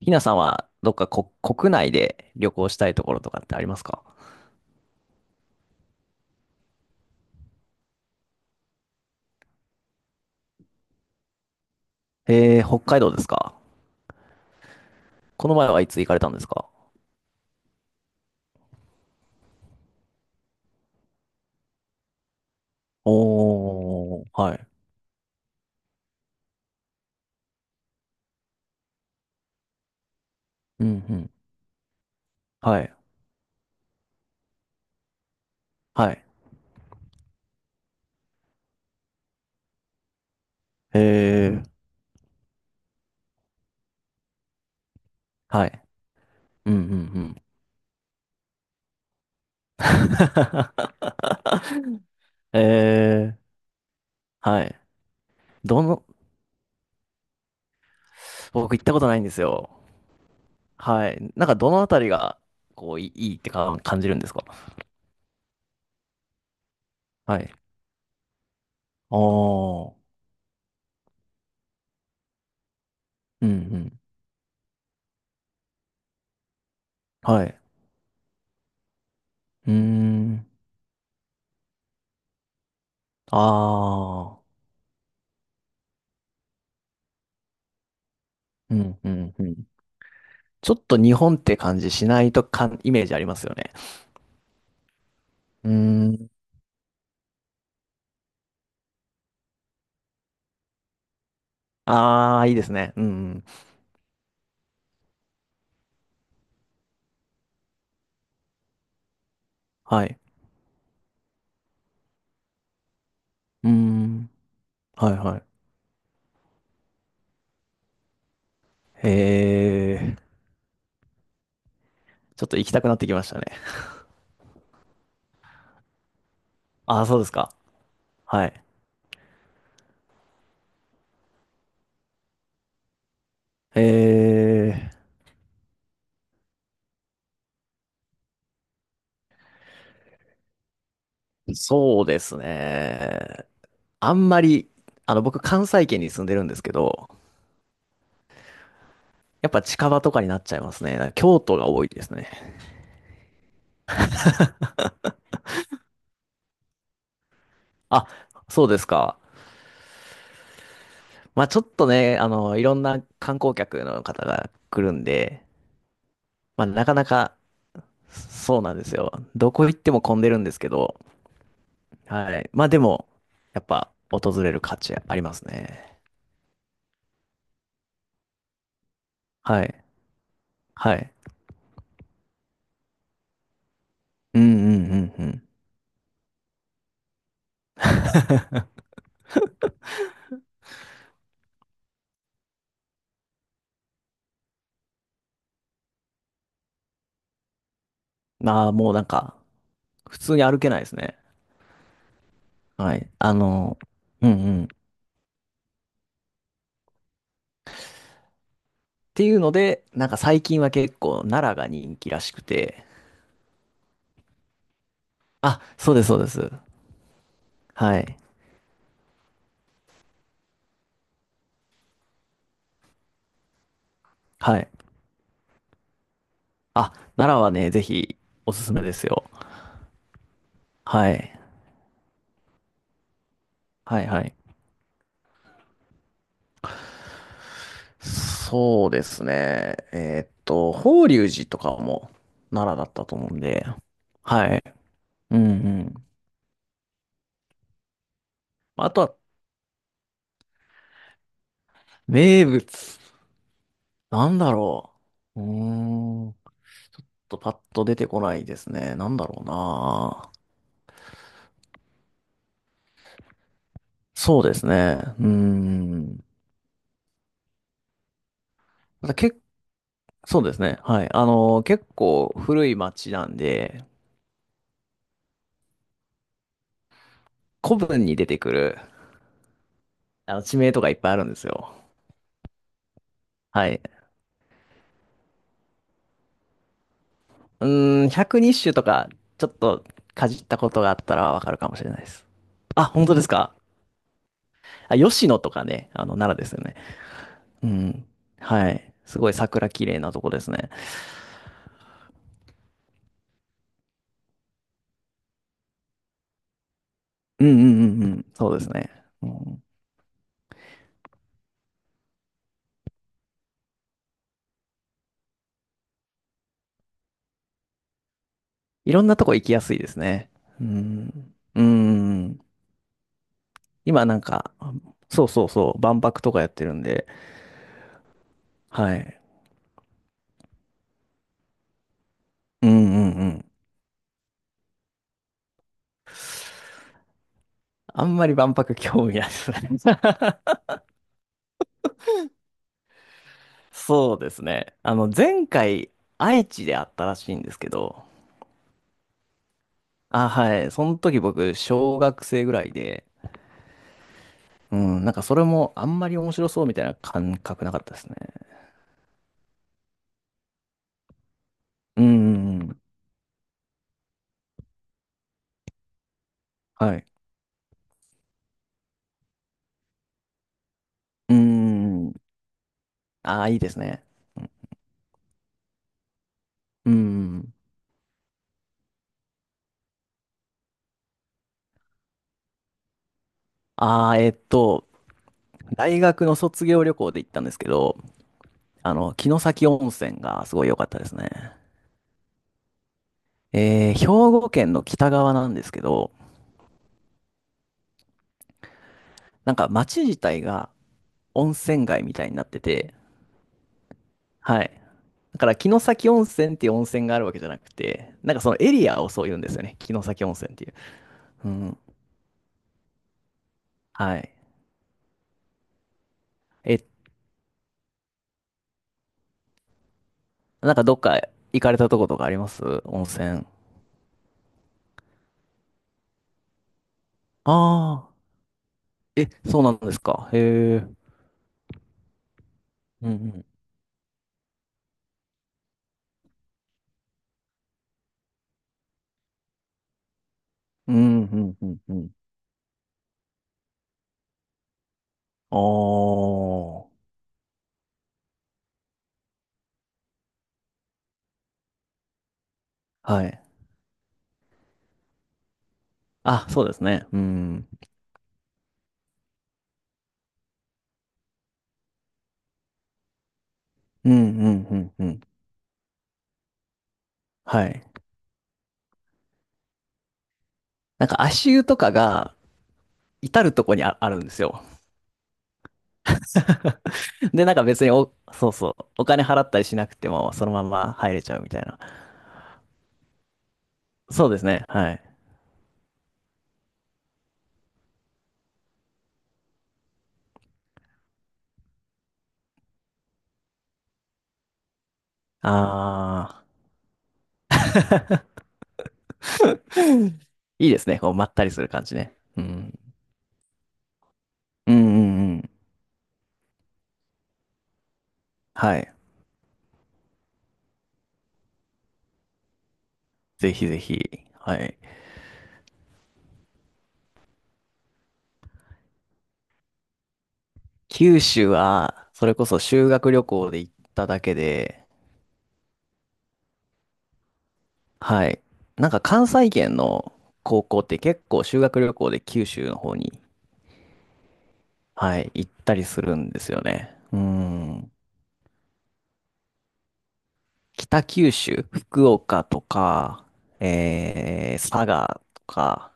ひなさんはどっかこ国内で旅行したいところとかってありますか？えー、北海道ですか？この前はいつ行かれたんですか？おー、はい。うんうん。はい。はい。えー、はい。うんうんうん。えー、はい。どの、僕行ったことないんですよ。はい。なんかどのあたりが、こう、いいいいってか感じるんですか？はい。おー、うんうん。はい。うーん。あー。うんうんうん。ちょっと日本って感じしないとかん、イメージありますよね。うーん。ああ、いいですね。うんうん。はい。うーん。はいはい。えー。ちょっと行きたくなってきましたね。ああ、そうですか。はい。えー。そうですね。あんまり、あの、僕、関西圏に住んでるんですけど、やっぱ近場とかになっちゃいますね。京都が多いですね。あ、そうですか。まあちょっとね、あの、いろんな観光客の方が来るんで、まあ、なかなか、そうなんですよ。どこ行っても混んでるんですけど、はい。まあでも、やっぱ、訪れる価値ありますね。はい。はい。うんうんうんうん。まあ、もうなんか、普通に歩けないですね。はい。あの、うんうん。っていうので、なんか最近は結構、奈良が人気らしくて、あ、そうです、そうです。はい。はい。あ、奈良はね、ぜひ、おすすめですよ。はい。はい、はい。そうですね。法隆寺とかも奈良だったと思うんで。はい。うんうん。あとは、名物。なんだろう。うーん。ちょっとパッと出てこないですね。なんだろうな。そうですね。うーん。まただけ、そうですね。はい。あの、結構古い町なんで、古文に出てくる、あの、地名とかいっぱいあるんですよ。はい。うーん、120種とか、ちょっとかじったことがあったらわかるかもしれないです。あ、本当ですか？あ、吉野とかね、あの、奈良ですよね。うん。はい。すごい桜綺麗なとこですね。うんうんうんうん。そうですね。うん、いろんなとこ行きやすいですね。うん。うん。今なんか、そうそうそう、万博とかやってるんで、はい。うんうんうん。あんまり万博興味ないですね。そうですね。あの、前回、愛知であったらしいんですけど、あ、はい。その時僕、小学生ぐらいで、うん、なんかそれもあんまり面白そうみたいな感覚なかったですね。うん、うんうん、はい。うん、ああ、いいですね。うん。ああ、大学の卒業旅行で行ったんですけど、あの、城崎温泉がすごい良かったですね。えー、兵庫県の北側なんですけど、なんか町自体が温泉街みたいになってて、はい。だから、城崎温泉っていう温泉があるわけじゃなくて、なんかそのエリアをそう言うんですよね。城崎温泉っていう。うん。はい。え、なんかどっか行かれたとことかあります？温泉。ああー。え、そうなんですか。へえ。うんうん。うんうんうんうん。おー。はい。あ、そうですね。うん。うんうんうんうん。はい。なんか足湯とかが至るとこにあ、あるんですよ。で、なんか別にお、そうそう、お金払ったりしなくても、そのまま入れちゃうみたいな。そうですね。はい。あー。いいですね。こう、まったりする感じね。うん。うんうんうん。はい。ぜひぜひ。はい。九州は、それこそ修学旅行で行っただけで、はい。なんか関西圏の高校って結構修学旅行で九州の方に、はい、行ったりするんですよね。うん。北九州、福岡とか、えー、佐賀とか、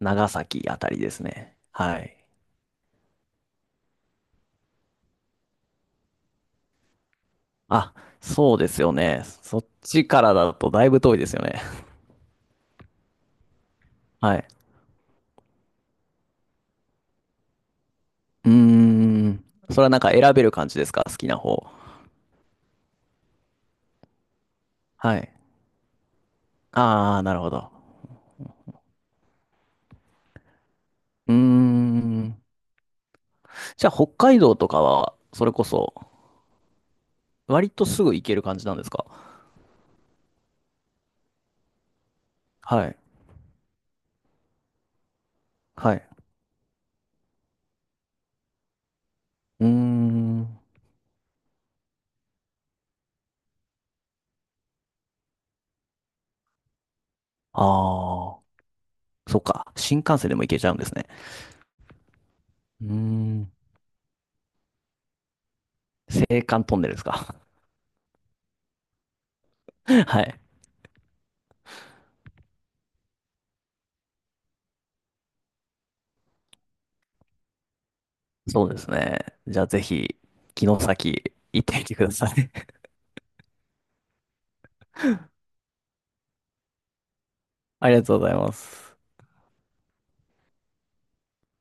長崎あたりですね。はい。あ、そうですよね。そっちからだとだいぶ遠いですよね。はい。うーん。それはなんか選べる感じですか？好きな方。はい。あー、なるほど。うーん。じゃあ北海道とかは、それこそ、割とすぐ行ける感じなんですか？はい。はい。うーん。あー。そっか。新幹線でも行けちゃうんですね。うーん。青函トンネルですか。はい。そうですね。じゃあぜひ、城崎行ってみてください。ありがとうございます。